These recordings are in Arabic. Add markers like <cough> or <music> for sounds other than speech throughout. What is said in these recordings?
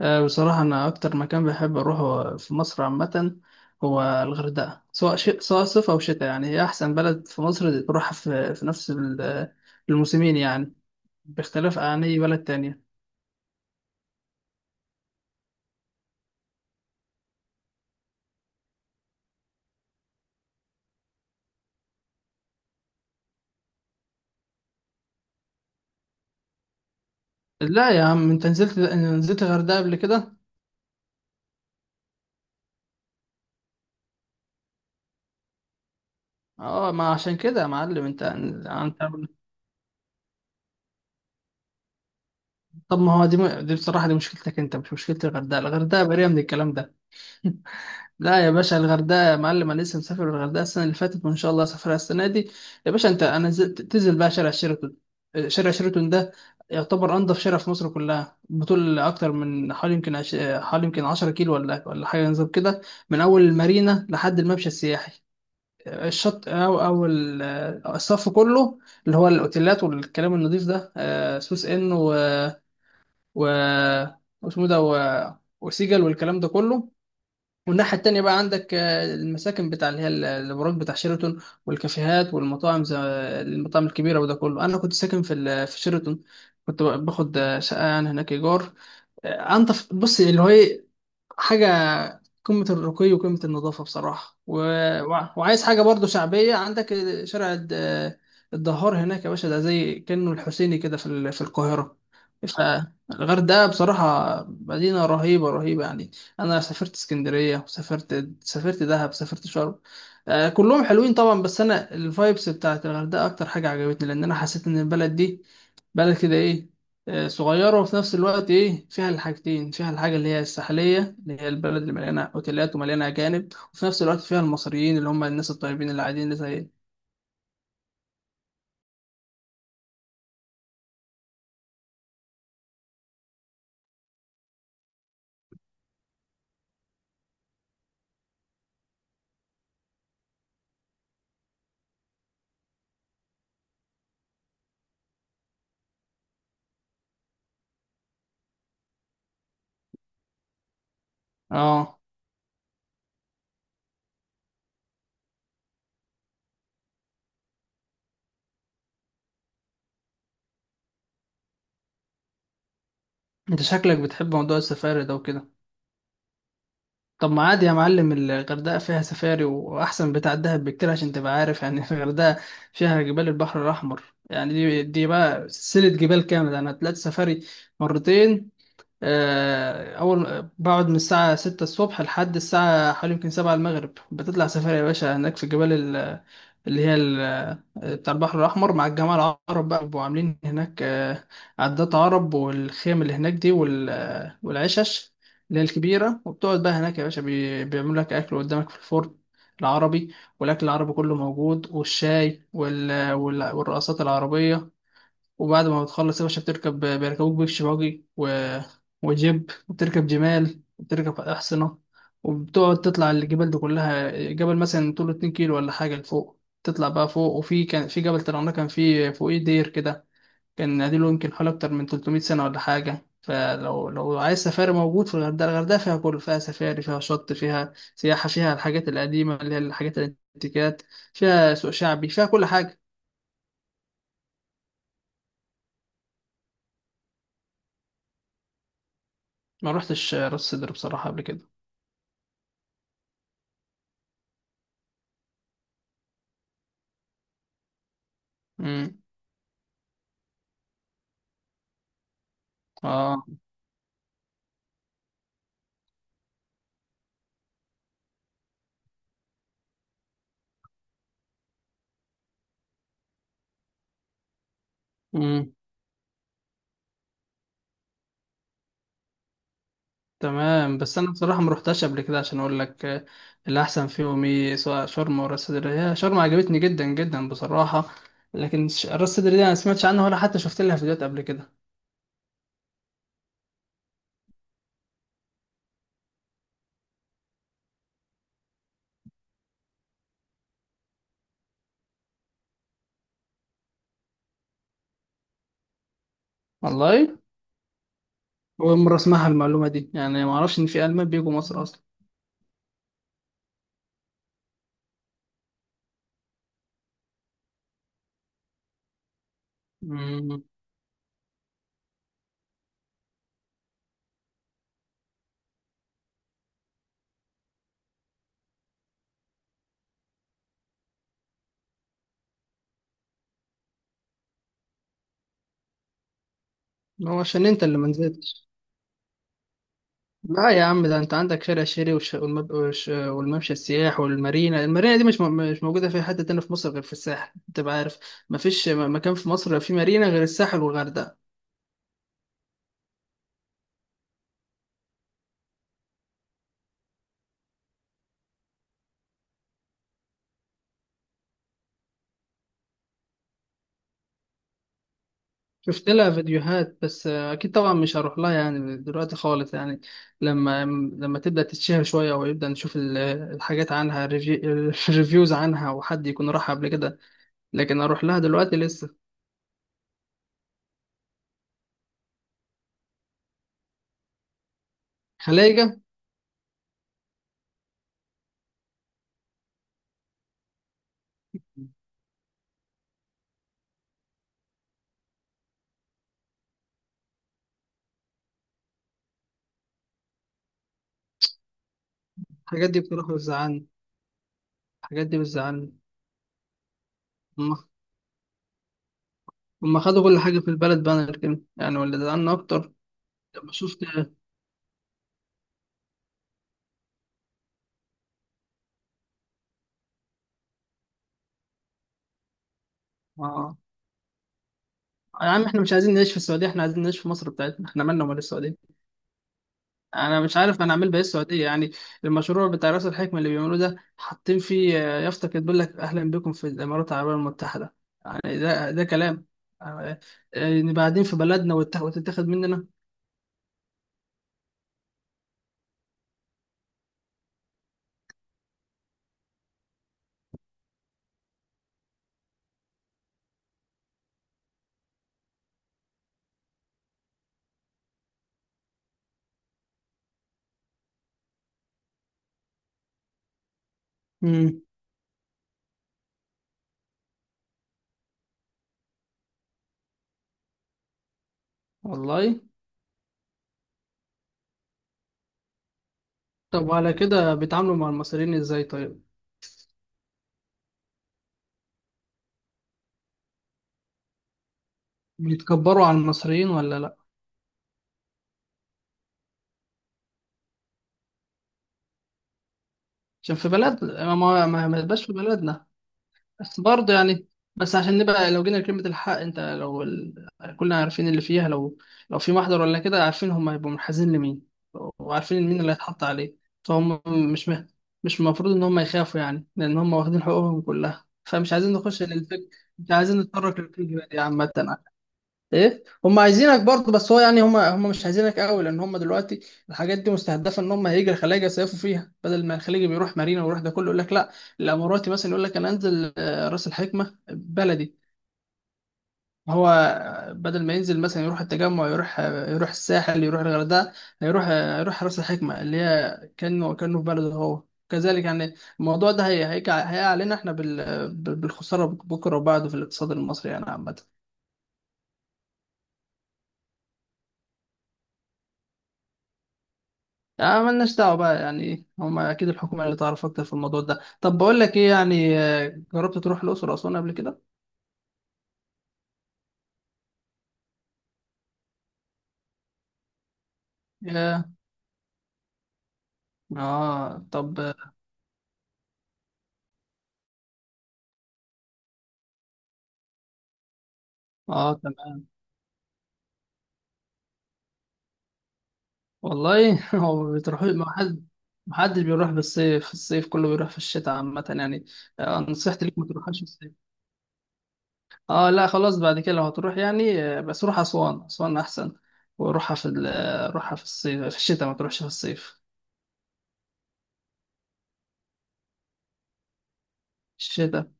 بصراحة، أنا أكتر مكان بحب أروحه في مصر عامة هو الغردقة، سواء شيء سواء صيف أو شتاء، يعني هي أحسن بلد في مصر تروحها في نفس الموسمين، يعني، باختلاف عن أي بلد تانية. لا يا عم، أنت نزلت الغردقة قبل كده؟ أه، ما عشان كده يا معلم، أنت. طب ما هو دي بصراحة، دي مشكلتك أنت، مش مشكلة الغردقة. الغردقة بريئة من الكلام ده. لا يا باشا الغردقه، يا معلم انا لسه مسافر الغردقه السنه اللي فاتت، وان شاء الله اسافرها السنه دي. يا باشا، انت تنزل بقى شارع شيراتون. شارع شيراتون ده يعتبر انضف شارع في مصر كلها، بطول اكتر من حوالي يمكن 10 كيلو ولا حاجه، نظام كده، من اول المارينا لحد الممشى السياحي، الشط الصف كله، اللي هو الاوتيلات والكلام النظيف ده، سوس ان و واسمه ده وسيجل والكلام ده كله. والناحية التانية بقى عندك المساكن بتاع، اللي هي البراج بتاع شيراتون، والكافيهات والمطاعم، زي المطاعم الكبيرة. وده كله أنا كنت ساكن في في شيراتون، كنت باخد شقة يعني هناك إيجار. أنت، بص اللي هو إيه، حاجة قمة الرقي وقمة النظافة بصراحة. وعايز حاجة برضو شعبية عندك، شارع الدهار هناك يا باشا، ده زي كأنه الحسيني كده في القاهرة. فالغردقة بصراحة مدينة رهيبة رهيبة يعني. أنا سافرت اسكندرية، وسافرت دهب، سافرت شرم. كلهم حلوين طبعا، بس أنا الفايبس بتاعت الغردقة أكتر حاجة عجبتني، لأن أنا حسيت إن البلد دي بلد كده ايه، صغيرة، وفي نفس الوقت ايه فيها الحاجتين، فيها الحاجة اللي هي الساحلية، اللي هي البلد اللي مليانة اوتيلات ومليانة أجانب، وفي نفس الوقت فيها المصريين، اللي هم الناس الطيبين اللي قاعدين اللي زي إيه. اه. انت شكلك بتحب موضوع السفاري ده وكده. طب ما عادي يا معلم، الغردقة فيها سفاري وأحسن بتاع الدهب بكتير، عشان تبقى عارف يعني. <laughs> الغردقة فيها جبال البحر الأحمر، يعني دي بقى سلسلة جبال كاملة، يعني هتلاقي سفاري مرتين. أول بقعد من الساعة 6 الصبح لحد الساعة حوالي يمكن 7 المغرب، بتطلع سفاري يا باشا هناك في الجبال اللي هي ال- بتاع البحر الأحمر، مع الجماعة العرب، بقى بيبقوا عاملين هناك عدات عرب، والخيم اللي هناك دي، والعشش اللي هي الكبيرة. وبتقعد بقى هناك يا باشا، بيعملوا لك أكل قدامك في الفرن العربي، والأكل العربي كله موجود، والشاي والرقصات العربية. وبعد ما بتخلص يا باشا بتركب، بيركبوك بيكش باجي وجيب، وبتركب جمال، وبتركب أحصنة، وبتقعد تطلع الجبال دي كلها. جبل مثلا طوله 2 كيلو ولا حاجة لفوق، تطلع بقى فوق. كان في جبل طلعناه، كان فيه فوقيه دير كده، كان قديم له يمكن حوالي أكتر من 300 سنة ولا حاجة. فلو عايز سفاري، موجود في الغردقة. الغردقة فيها كل، فيها سفاري، فيها شط، فيها سياحة، فيها الحاجات القديمة اللي هي الحاجات الانتيكات، فيها سوق شعبي، فيها كل حاجة. ما روحتش راس سدر بصراحة قبل كده. اه. امم. تمام، بس انا بصراحه ما روحتش قبل كده، عشان اقول لك الاحسن فيهم ايه، سواء شرم ولا راس سدر. هي شرم عجبتني جدا جدا بصراحه، لكن راس سدر دي انا ما سمعتش عنها ولا حتى شفت لها فيديوهات قبل كده. والله اول مره اسمعها المعلومه دي، يعني ما اعرفش ان في المان بيجوا مصر اصلا. امم. هو عشان انت اللي ما نزلتش. لا يا عم، ده انت عندك شارع شيري والممشى السياح والمارينا. المارينا دي مش موجوده في حته تانية في مصر غير في الساحل، انت بقى عارف. مفيش مكان في مصر في مارينا غير الساحل والغردقه. شفت لها فيديوهات، بس اكيد طبعا مش هروح لها يعني دلوقتي خالص، يعني لما لما تبدا تتشهر شويه ويبدا نشوف الحاجات عنها، <laughs> الريفيوز عنها، وحد يكون راح قبل كده، لكن اروح لها دلوقتي لسه. خلايجه. الحاجات دي بتروح بتزعلني، الحاجات دي بتزعلني. هما خدوا كل حاجة في البلد بانر كده يعني، واللي زعلنا أكتر لما شفت. آه يا عم، إحنا مش عايزين نعيش في السعودية، إحنا عايزين نعيش في مصر بتاعتنا، إحنا مالنا ومال السعودية. أنا مش عارف أنا أعمل بإيه السعودية يعني. المشروع بتاع رأس الحكمة اللي بيعملوه ده، حاطين فيه يافطة كده بيقول لك أهلا بكم في الإمارات العربية المتحدة. يعني ده كلام. آه، نبقى قاعدين في بلدنا وتتاخد مننا. مم. والله. طب، وعلى كده بيتعاملوا مع المصريين إزاي طيب؟ بيتكبروا على المصريين ولا لأ؟ عشان في بلدنا، ما تبقاش في بلدنا. بس برضه يعني، بس عشان نبقى لو جينا لكلمة الحق، كلنا عارفين اللي فيها، لو في محضر ولا كده، عارفين هم هيبقوا منحازين لمين، وعارفين مين اللي هيتحط عليه. فهم مش المفروض ان هم يخافوا، يعني لان هم واخدين حقوقهم كلها، فمش عايزين نخش للفك، مش عايزين نتطرق للفكرة دي عامة. ايه، هم عايزينك برضه، بس هو يعني هم مش عايزينك قوي، لان هم دلوقتي الحاجات دي مستهدفه ان هم هيجي الخلايجه يصيفوا فيها، بدل ما الخليجي بيروح مارينا ويروح ده كله، يقول لك لا، الاماراتي مثلا يقول لك انا انزل راس الحكمه بلدي. هو بدل ما ينزل مثلا يروح التجمع، يروح الساحل، يروح الغردقه، هيروح آه، يروح راس الحكمه، اللي هي كانه في بلده هو كذلك يعني. الموضوع ده هيقع علينا احنا بالخساره، بكره وبعده، في الاقتصاد المصري يعني عامه. ملناش دعوة بقى يعني، هما أكيد الحكومة اللي تعرف أكتر في الموضوع ده. طب بقول لك إيه يعني، جربت تروح الأقصر وأسوان قبل كده؟ ياه. طب. تمام. والله <laughs> هو ما بتروحوش، ما حد ما حدش بيروح بالصيف، الصيف كله بيروح في الشتاء عامة يعني. نصيحتي ليك ما تروحش في الصيف. آه لا، خلاص بعد كده لو هتروح يعني بس روح أسوان. أسوان أحسن. وروحها في روحها في الصيف في الشتاء، ما تروحش في الصيف. الشتاء،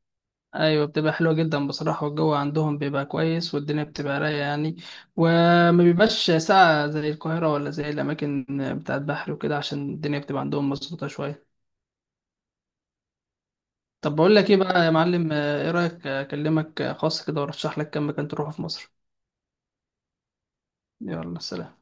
ايوه، بتبقى حلوه جدا بصراحه، والجو عندهم بيبقى كويس، والدنيا بتبقى رايقه يعني، وما بيبقاش ساقعه زي القاهره ولا زي الاماكن بتاعه بحر وكده، عشان الدنيا بتبقى عندهم مظبوطه شويه. طب بقول لك ايه بقى يا معلم، ايه رايك اكلمك خاص كده وارشح لك كام مكان تروحه في مصر. يلا، سلام.